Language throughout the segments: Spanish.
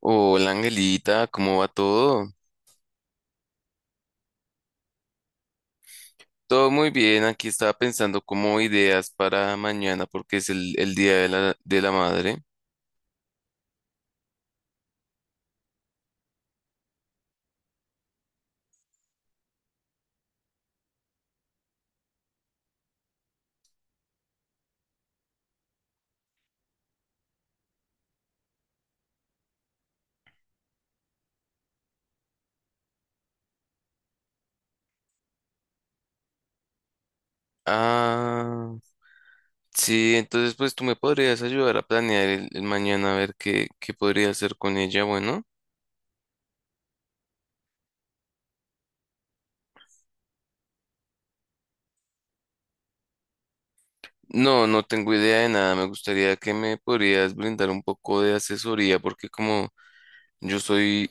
Hola Angelita, ¿cómo va todo? Todo muy bien, aquí estaba pensando como ideas para mañana porque es el Día de la Madre. Ah, sí, entonces pues tú me podrías ayudar a planear el mañana a ver qué podría hacer con ella, bueno. No, no tengo idea de nada, me gustaría que me podrías brindar un poco de asesoría porque como yo soy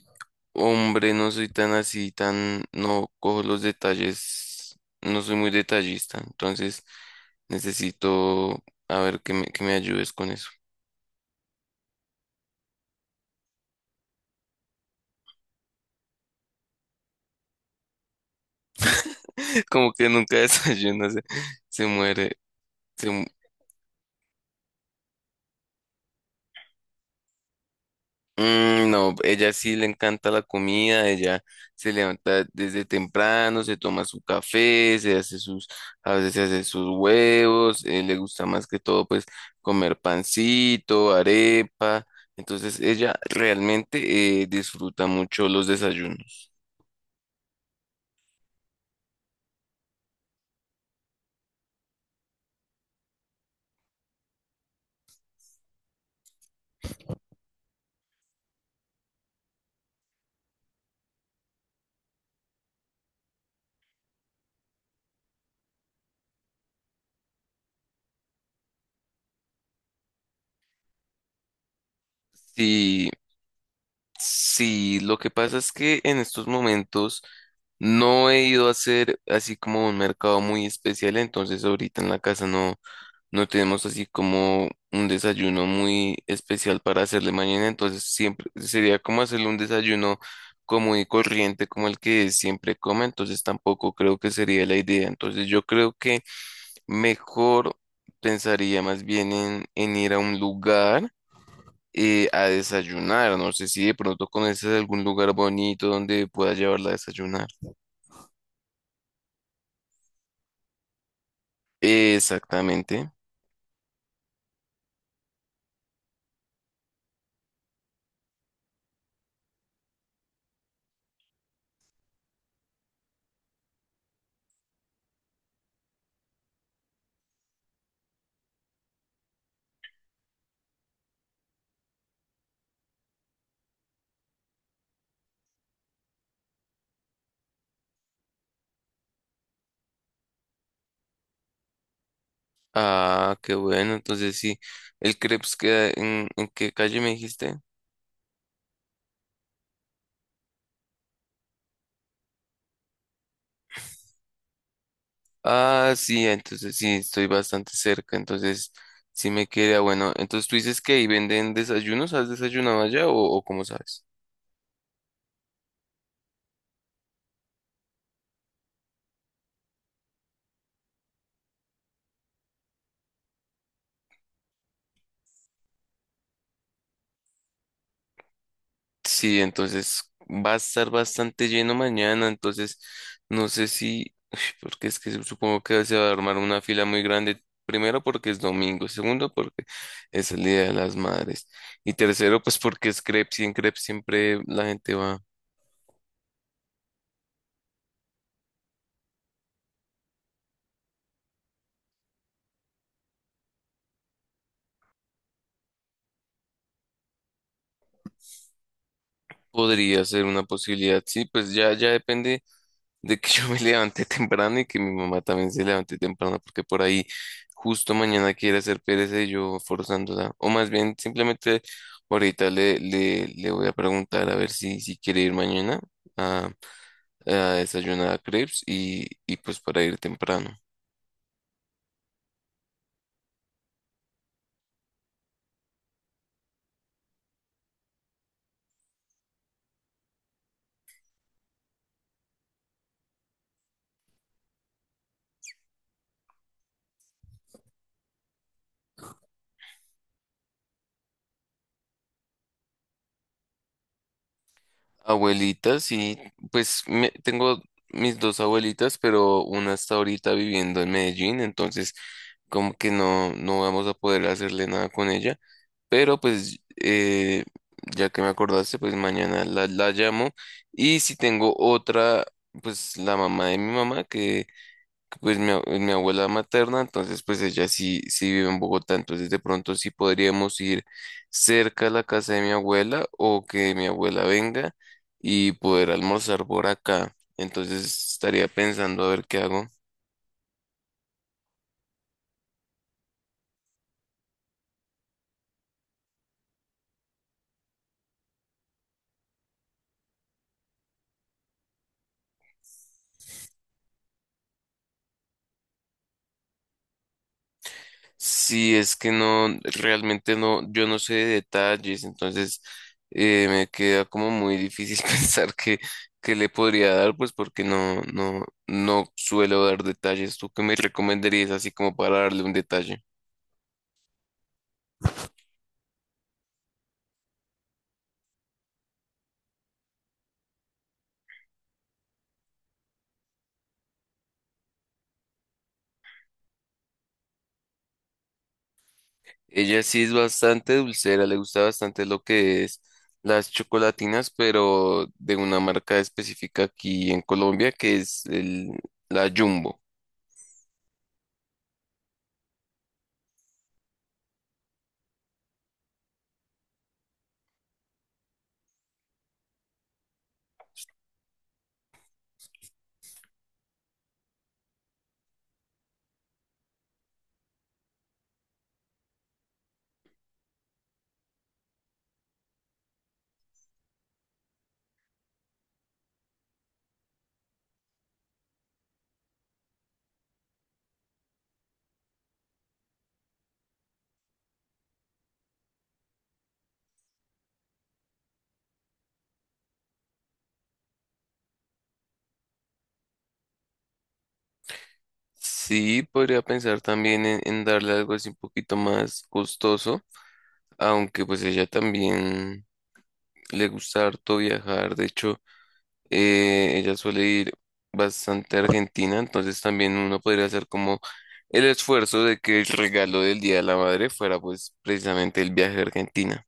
hombre, no soy tan así, tan, no cojo los detalles, no soy muy detallista, entonces necesito, a ver, que me ayudes con eso. Como que nunca desayuna, se muere. Mm, no, ella sí le encanta la comida, ella se levanta desde temprano, se toma su café, se hace sus, a veces se hace sus huevos, le gusta más que todo pues comer pancito, arepa, entonces ella realmente disfruta mucho los desayunos. Sí, sí, lo que pasa es que en estos momentos no he ido a hacer así como un mercado muy especial, entonces ahorita en la casa no, no tenemos así como un desayuno muy especial para hacerle mañana, entonces siempre sería como hacerle un desayuno común y corriente como el que siempre come, entonces tampoco creo que sería la idea, entonces yo creo que mejor pensaría más bien en ir a un lugar a desayunar. No sé si de pronto conoces algún lugar bonito donde pueda llevarla a desayunar. Exactamente. Ah, qué bueno. Entonces sí, el crepes queda ¿en qué calle me dijiste? Ah, sí, entonces sí, estoy bastante cerca. Entonces sí me queda bueno. Entonces tú dices que ahí venden desayunos. ¿Has desayunado allá o cómo sabes? Sí, entonces va a estar bastante lleno mañana, entonces no sé si, uy, porque es que supongo que se va a armar una fila muy grande, primero porque es domingo, segundo porque es el Día de las Madres y tercero pues porque es crepes y en crepes siempre la gente va, podría ser una posibilidad, sí, pues ya, ya depende de que yo me levanté temprano y que mi mamá también se levante temprano, porque por ahí justo mañana quiere hacer pereza y yo forzándola. O más bien, simplemente ahorita le voy a preguntar a ver si, si quiere ir mañana a, a desayunar a Crepes y pues para ir temprano. Abuelitas, sí, pues tengo mis dos abuelitas, pero una está ahorita viviendo en Medellín, entonces como que no, no vamos a poder hacerle nada con ella, pero pues ya que me acordaste, pues mañana la llamo y si tengo otra, pues la mamá de mi mamá que... Pues mi abuela materna, entonces pues ella sí, sí vive en Bogotá, entonces de pronto sí podríamos ir cerca a la casa de mi abuela o que mi abuela venga y poder almorzar por acá. Entonces estaría pensando a ver qué hago. Si es que no, realmente no, yo no sé de detalles, entonces me queda como muy difícil pensar que le podría dar, pues porque no, no, no suelo dar detalles. ¿Tú qué me recomendarías así como para darle un detalle? Ella sí es bastante dulcera, le gusta bastante lo que es las chocolatinas, pero de una marca específica aquí en Colombia que es el, la Jumbo. Sí, podría pensar también en darle algo así un poquito más costoso, aunque pues ella también le gusta harto viajar. De hecho, ella suele ir bastante a Argentina, entonces también uno podría hacer como el esfuerzo de que el regalo del Día de la Madre fuera pues precisamente el viaje a Argentina.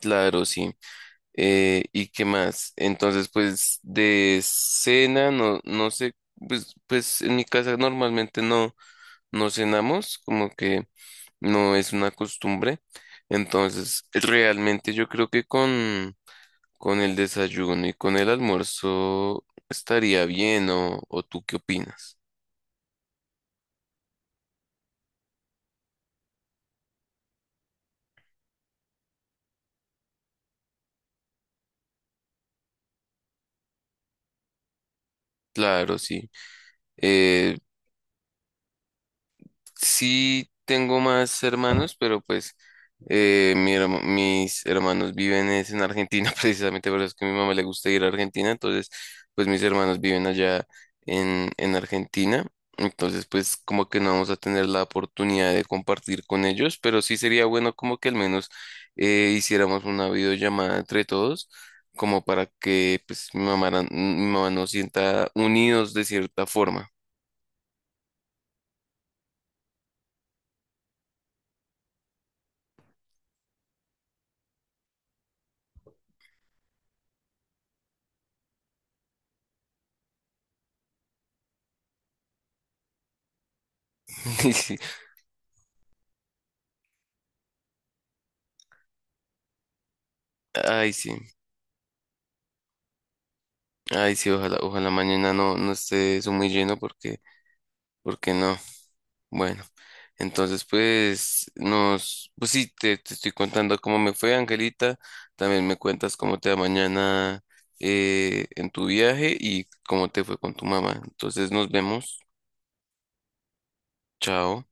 Claro, sí. ¿Y qué más? Entonces, pues de cena, no, no sé, pues en mi casa normalmente no, no cenamos, como que no es una costumbre. Entonces, realmente yo creo que con el desayuno y con el almuerzo estaría bien, o tú qué opinas? Claro, sí. Eh, sí, tengo más hermanos, pero pues mis hermanos viven es en Argentina, precisamente por eso es que a mi mamá le gusta ir a Argentina, entonces pues mis hermanos viven allá en Argentina, entonces pues como que no vamos a tener la oportunidad de compartir con ellos, pero sí sería bueno como que al menos hiciéramos una videollamada entre todos, como para que pues mi mamá nos sienta unidos de cierta forma. Y sí, ay, sí. Ay, sí, ojalá, ojalá mañana no, no esté eso muy lleno porque, porque no. Bueno, entonces pues nos, pues sí, te estoy contando cómo me fue, Angelita. También me cuentas cómo te va mañana en tu viaje y cómo te fue con tu mamá. Entonces nos vemos. Chao.